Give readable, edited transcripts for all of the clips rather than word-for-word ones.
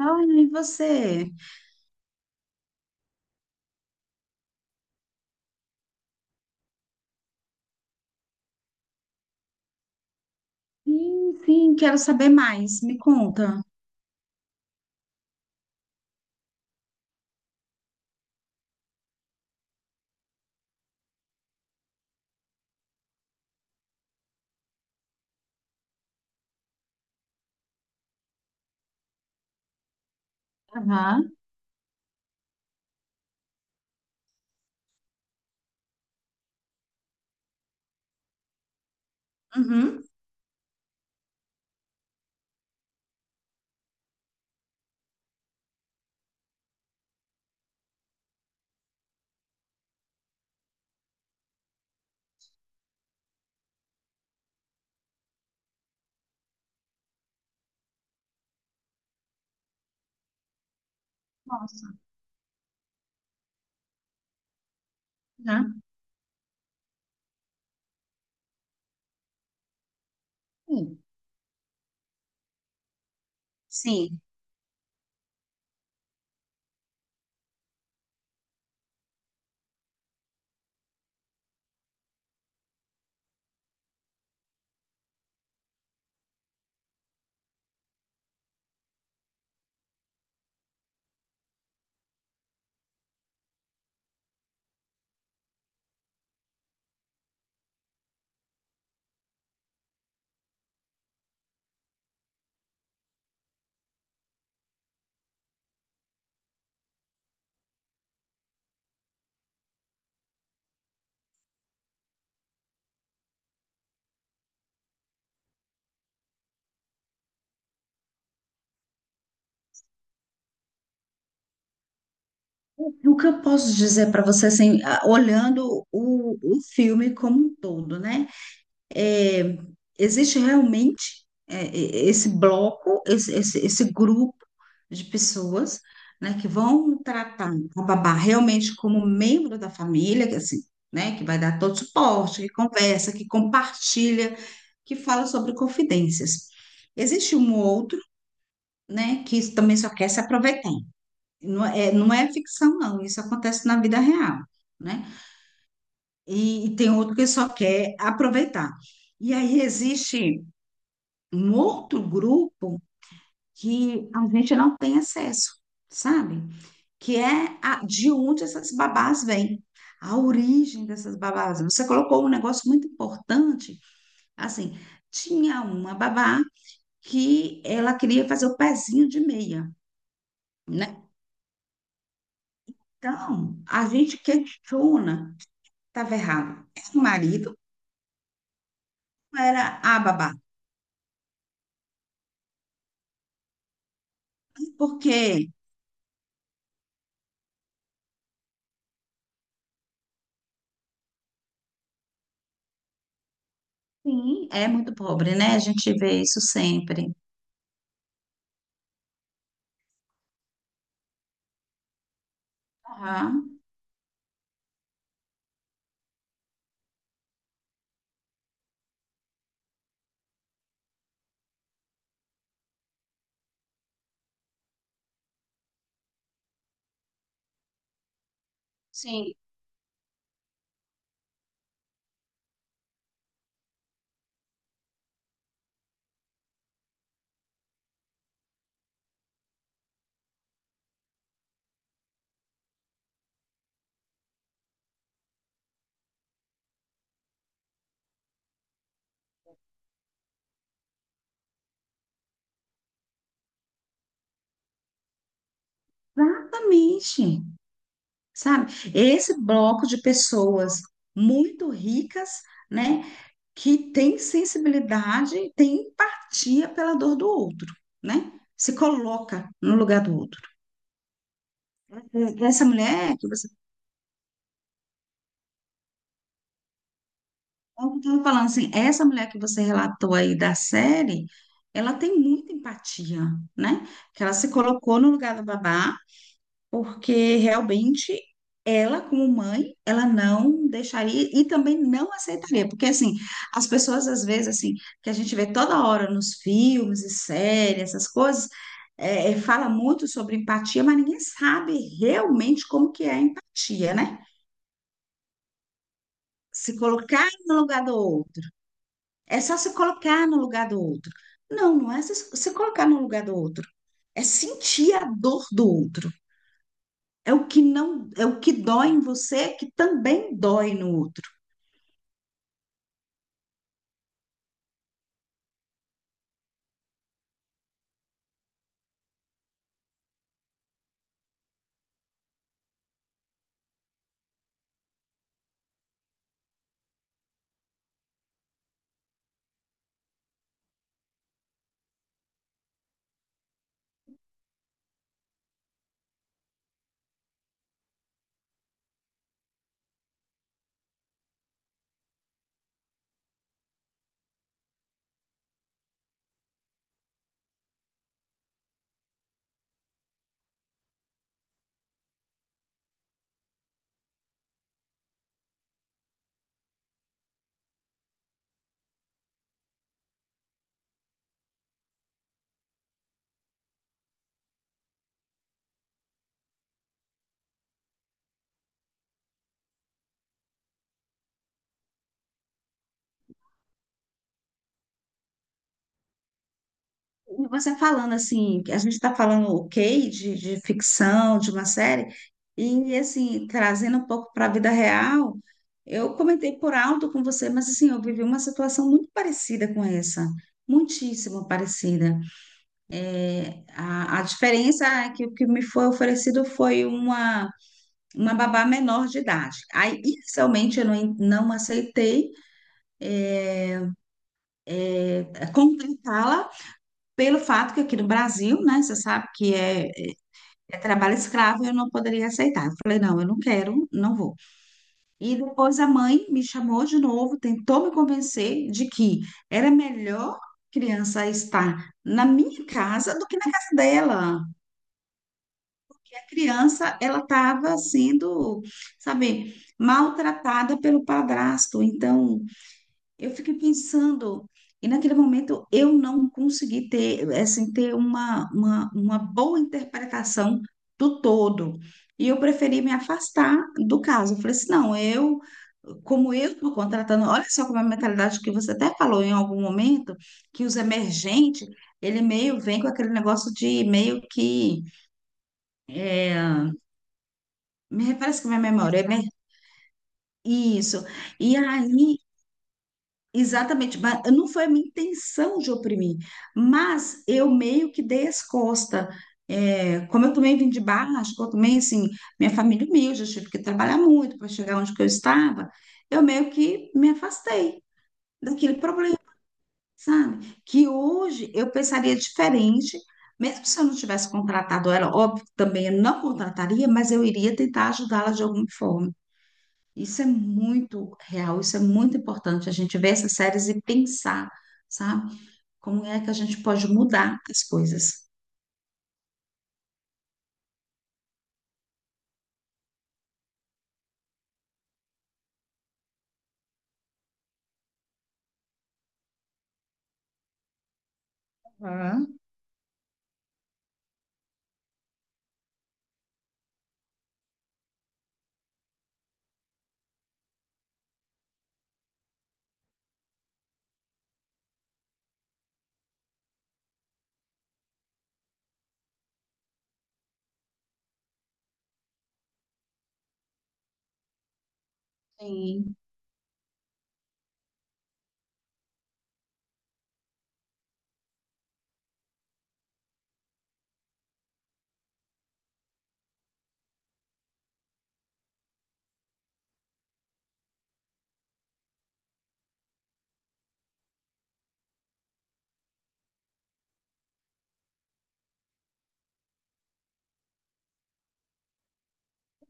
Ai, e você? Sim, sim, quero saber mais. Me conta. Aham. Uhum. Nossa. Né? Sim. Sim. O que eu posso dizer para você, assim, olhando o filme como um todo, né? É, existe realmente esse bloco, esse grupo de pessoas, né, que vão tratar a babá realmente como membro da família, que assim, né, que vai dar todo suporte, que conversa, que compartilha. Que fala sobre confidências. Existe um outro, né, que também só quer se aproveitar. Não é ficção, não, isso acontece na vida real, né? E tem outro que só quer aproveitar. E aí existe um outro grupo que a gente não tem acesso, sabe? De onde essas babás vêm, a origem dessas babás. Você colocou um negócio muito importante, assim, tinha uma babá que ela queria fazer o pezinho de meia, né? Então, a gente questiona, estava errado. Era o marido ou era a babá? Porque, sim, é muito pobre, né? A gente vê isso sempre. Aham. Sim. Exatamente. Sabe? Esse bloco de pessoas muito ricas, né? Que tem sensibilidade, tem empatia pela dor do outro, né? Se coloca no lugar do outro. Essa mulher que você... É o que eu estava falando, assim, essa mulher que você relatou aí da série, ela tem muita empatia, né? Que ela se colocou no lugar da babá, porque realmente ela, como mãe, ela não deixaria e também não aceitaria, porque assim, as pessoas às vezes assim, que a gente vê toda hora nos filmes e séries, essas coisas, fala muito sobre empatia, mas ninguém sabe realmente como que é a empatia, né? Se colocar no lugar do outro. É só se colocar no lugar do outro. Não, não é se colocar no lugar do outro. É sentir a dor do outro. É o que não, é o que dói em você, que também dói no outro. E você falando assim, que a gente está falando ok de ficção, de uma série, e assim, trazendo um pouco para a vida real, eu comentei por alto com você, mas assim, eu vivi uma situação muito parecida com essa, muitíssimo parecida. A diferença é que o que me foi oferecido foi uma babá menor de idade. Aí, inicialmente, eu não, não aceitei contratá-la pelo fato que aqui no Brasil, né, você sabe que é, é trabalho escravo, eu não poderia aceitar. Eu falei, não, eu não quero, não vou. E depois a mãe me chamou de novo, tentou me convencer de que era melhor criança estar na minha casa do que na casa dela. Criança ela estava sendo, sabe, maltratada pelo padrasto. Então, eu fiquei pensando, e naquele momento eu não consegui ter, assim, ter uma boa interpretação do todo. E eu preferi me afastar do caso. Eu falei assim, não, eu, como eu estou contratando, olha só como é a mentalidade que você até falou em algum momento, que os emergentes, ele meio vem com aquele negócio de meio que eh, me refresca minha memória. Isso. E aí, exatamente, mas não foi a minha intenção de oprimir, mas eu meio que dei as costas. É, como eu também vim de baixo, como eu também, assim, minha família humilde, eu tive que trabalhar muito para chegar onde que eu estava, eu meio que me afastei daquele problema, sabe? Que hoje eu pensaria diferente, mesmo se eu não tivesse contratado ela, óbvio, que também eu não contrataria, mas eu iria tentar ajudá-la de alguma forma. Isso é muito real, isso é muito importante. A gente ver essas séries e pensar, sabe? Como é que a gente pode mudar as coisas. Aham. Sim,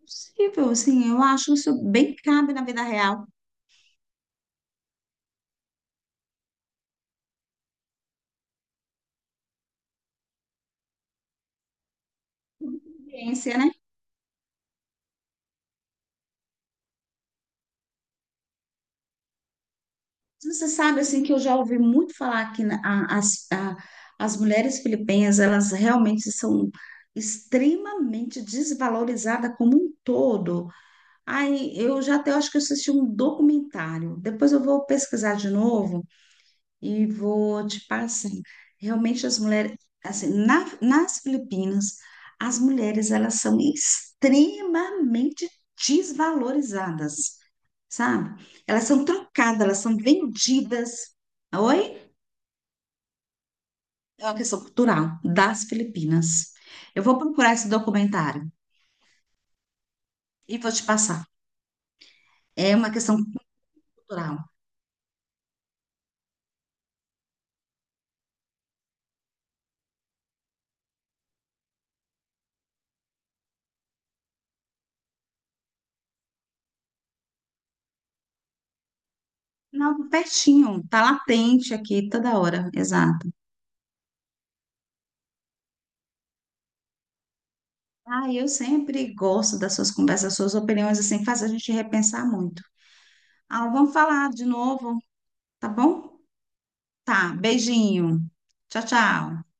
possível, assim, eu acho isso bem cabe na vida real. Experiência, né? Você sabe, assim, que eu já ouvi muito falar que as mulheres filipinas, elas realmente são extremamente desvalorizadas como um todo. Aí, eu já até acho que eu assisti um documentário, depois eu vou pesquisar de novo, e vou te passar. Realmente as mulheres, assim, nas Filipinas, as mulheres elas são extremamente desvalorizadas, sabe? Elas são trocadas, elas são vendidas. Oi? É uma questão cultural das Filipinas. Eu vou procurar esse documentário e vou te passar. É uma questão cultural. Não, pertinho, tá latente aqui toda hora, exato. Ah, eu sempre gosto das suas conversas, suas opiniões, assim, faz a gente repensar muito. Ah, vamos falar de novo, tá bom? Tá, beijinho. Tchau, tchau.